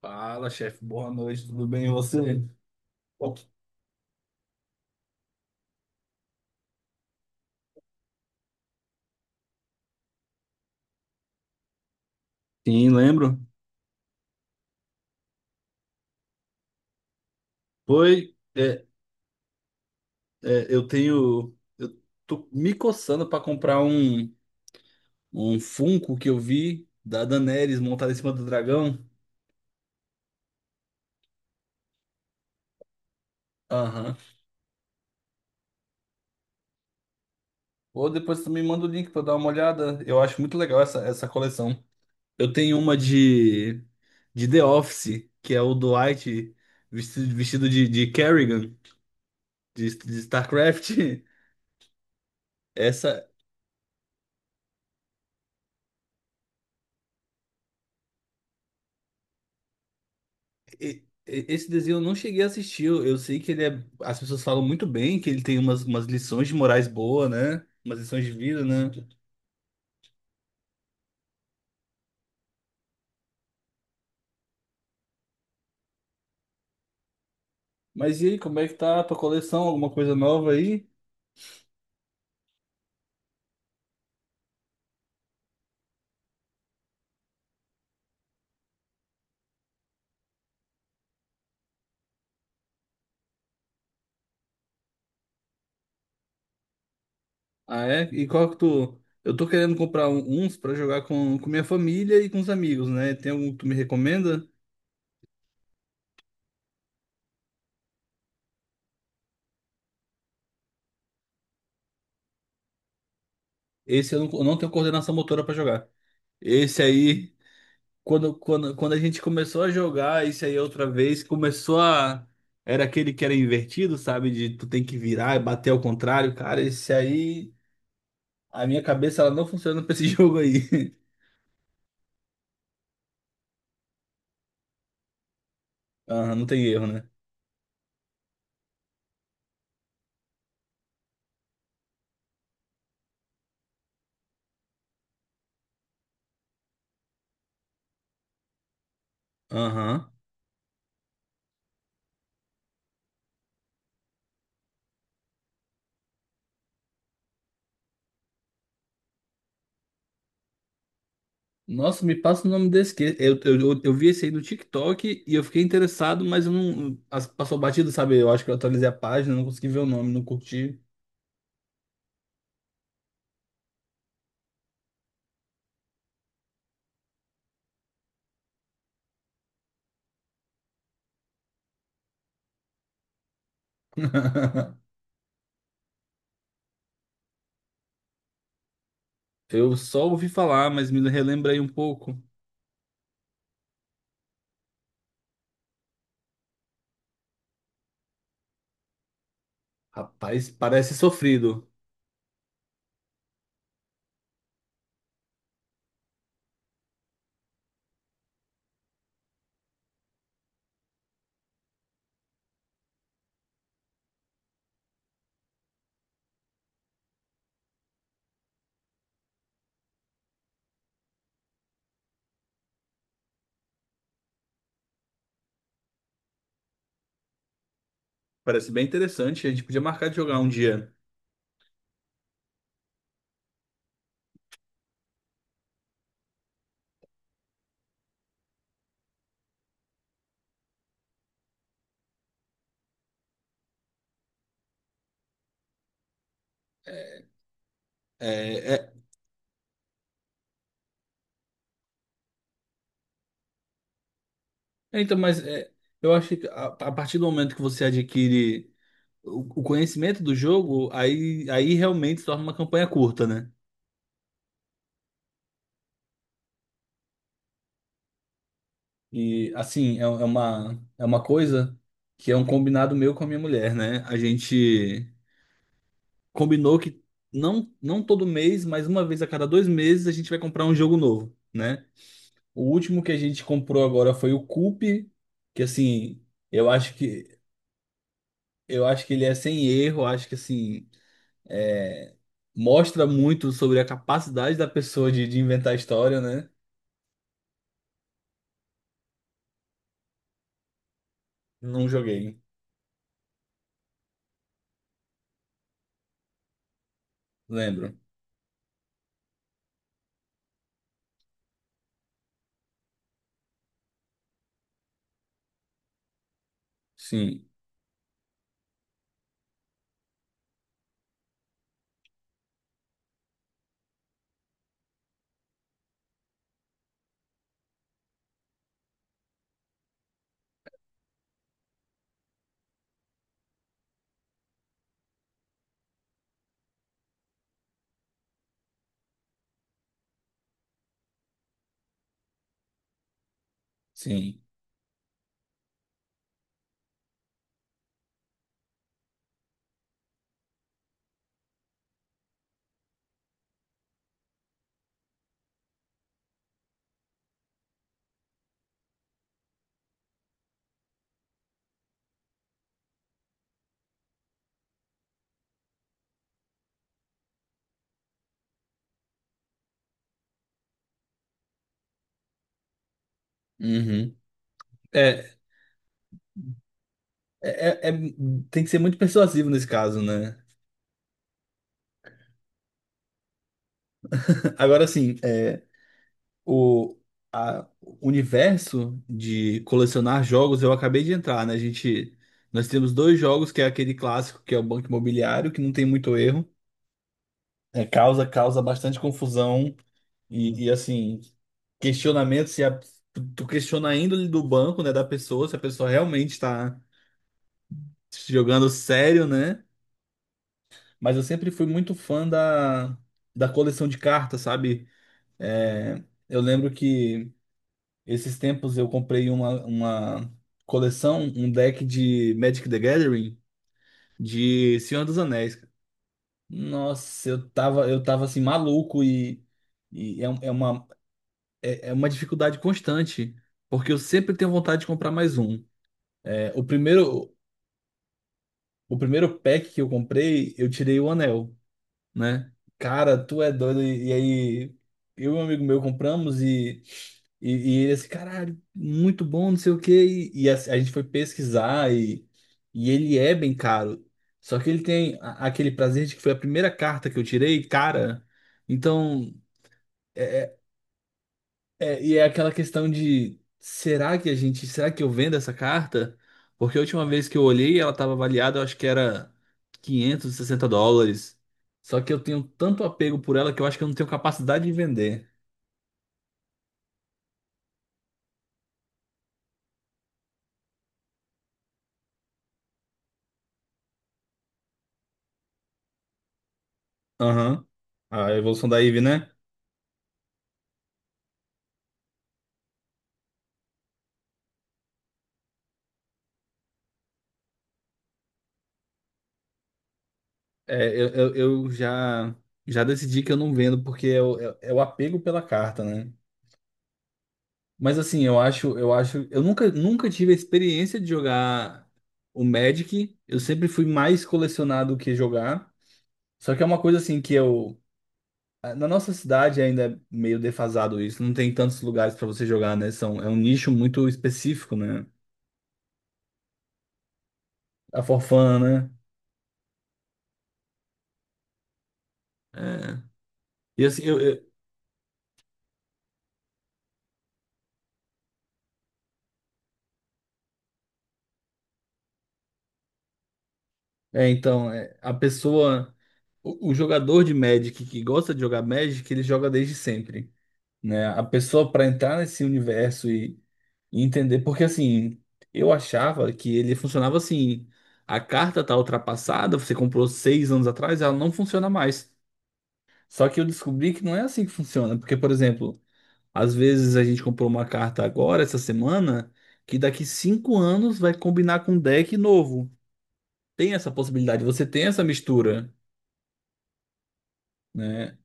Fala, chefe. Boa noite, tudo bem? E você? Sim, lembro. Foi, é, eu tô me coçando para comprar um Funko que eu vi da Daenerys montada em cima do dragão. Aham. Ou depois tu me manda o link para dar uma olhada. Eu acho muito legal essa coleção. Eu tenho uma de The Office, que é o Dwight vestido de Kerrigan, de StarCraft. Essa, Esse desenho eu não cheguei a assistir. Eu sei que ele é. As pessoas falam muito bem que ele tem umas lições de morais boas, né? Umas lições de vida, né? Mas e aí, como é que tá a tua coleção? Alguma coisa nova aí? Ah, é? E qual que tu. Eu tô querendo comprar uns pra jogar com minha família e com os amigos, né? Tem algum que tu me recomenda? Esse eu não tenho coordenação motora pra jogar. Esse aí. Quando a gente começou a jogar isso aí outra vez, começou a. Era aquele que era invertido, sabe? De tu tem que virar e bater ao contrário. Cara, esse aí. A minha cabeça ela não funciona pra esse jogo aí. Aham, não tem erro, né? Aham. Nossa, me passa o nome desse. Eu vi esse aí no TikTok e eu fiquei interessado, mas eu não. Passou batido, sabe? Eu acho que eu atualizei a página, não consegui ver o nome, não curti. Eu só ouvi falar, mas me relembra aí um pouco. Rapaz, parece sofrido. Parece bem interessante. A gente podia marcar de jogar um dia. É, é, então, mas é, eu acho que a partir do momento que você adquire o conhecimento do jogo, aí realmente se torna uma campanha curta, né? E assim, é uma coisa que é um combinado meu com a minha mulher, né? A gente combinou que não, não todo mês, mas uma vez a cada 2 meses a gente vai comprar um jogo novo, né? O último que a gente comprou agora foi o Coup, que assim. Eu acho que Eu acho que ele é sem erro, acho que assim, é, mostra muito sobre a capacidade da pessoa de inventar história, né? Não joguei, lembro. Sim, sim. Uhum. É, é, tem que ser muito persuasivo nesse caso, né? Agora sim, o, o universo de colecionar jogos, eu acabei de entrar, né? Nós temos dois jogos, que é aquele clássico, que é o Banco Imobiliário, que não tem muito erro. É, causa bastante confusão e, assim, questionamento se tu questiona a índole do banco, né, da pessoa, se a pessoa realmente está jogando sério, né? Mas eu sempre fui muito fã da coleção de cartas, sabe? É, eu lembro que esses tempos eu comprei uma coleção, um deck de Magic the Gathering de Senhor dos Anéis. Nossa, eu tava assim, maluco e é uma dificuldade constante, porque eu sempre tenho vontade de comprar mais um. É, o primeiro pack que eu comprei, eu tirei o anel, né? Cara, tu é doido. E aí, eu e um amigo meu compramos e ele assim, caralho, muito bom, não sei o quê. E a gente foi pesquisar e ele é bem caro. Só que ele tem aquele prazer de que foi a primeira carta que eu tirei, cara. Então. É, É, e é aquela questão de será que eu vendo essa carta? Porque a última vez que eu olhei, ela estava avaliada, eu acho que era US$ 560. Só que eu tenho tanto apego por ela que eu acho que eu não tenho capacidade de vender. Aham. A evolução da Eve, né? É, eu já decidi que eu não vendo porque é o apego pela carta, né? Mas assim, eu acho, eu nunca tive a experiência de jogar o Magic. Eu sempre fui mais colecionar do que jogar. Só que é uma coisa assim que eu. Na nossa cidade ainda é meio defasado isso. Não tem tantos lugares pra você jogar, né? É um nicho muito específico, né? A forfana, né? É. E assim, é, então, é, a pessoa. O jogador de Magic que gosta de jogar Magic, ele joga desde sempre, né? A pessoa pra entrar nesse universo e entender. Porque assim, eu achava que ele funcionava assim. A carta tá ultrapassada, você comprou 6 anos atrás, ela não funciona mais. Só que eu descobri que não é assim que funciona. Porque, por exemplo, às vezes a gente comprou uma carta agora, essa semana, que daqui 5 anos vai combinar com um deck novo. Tem essa possibilidade, você tem essa mistura, né?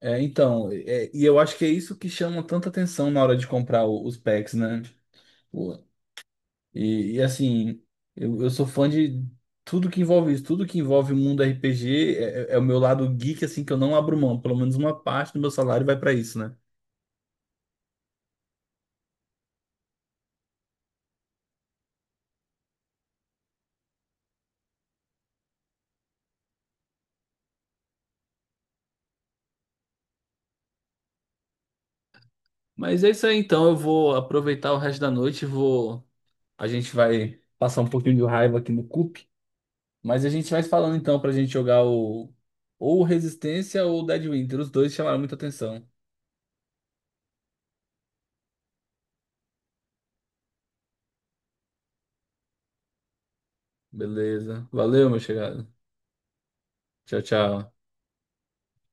É, então, e eu acho que é isso que chama tanta atenção na hora de comprar os packs, né? Pô, e, assim, eu sou fã de tudo que envolve isso, tudo que envolve o mundo RPG é o meu lado geek, assim, que eu não abro mão. Pelo menos uma parte do meu salário vai pra isso, né? Mas é isso aí, então. Eu vou aproveitar o resto da noite. A gente vai passar um pouquinho de raiva aqui no CUP. Mas a gente vai se falando então pra gente jogar o. Ou Resistência ou Dead Winter. Os dois chamaram muita atenção. Beleza. Valeu, meu chegado. Tchau, tchau.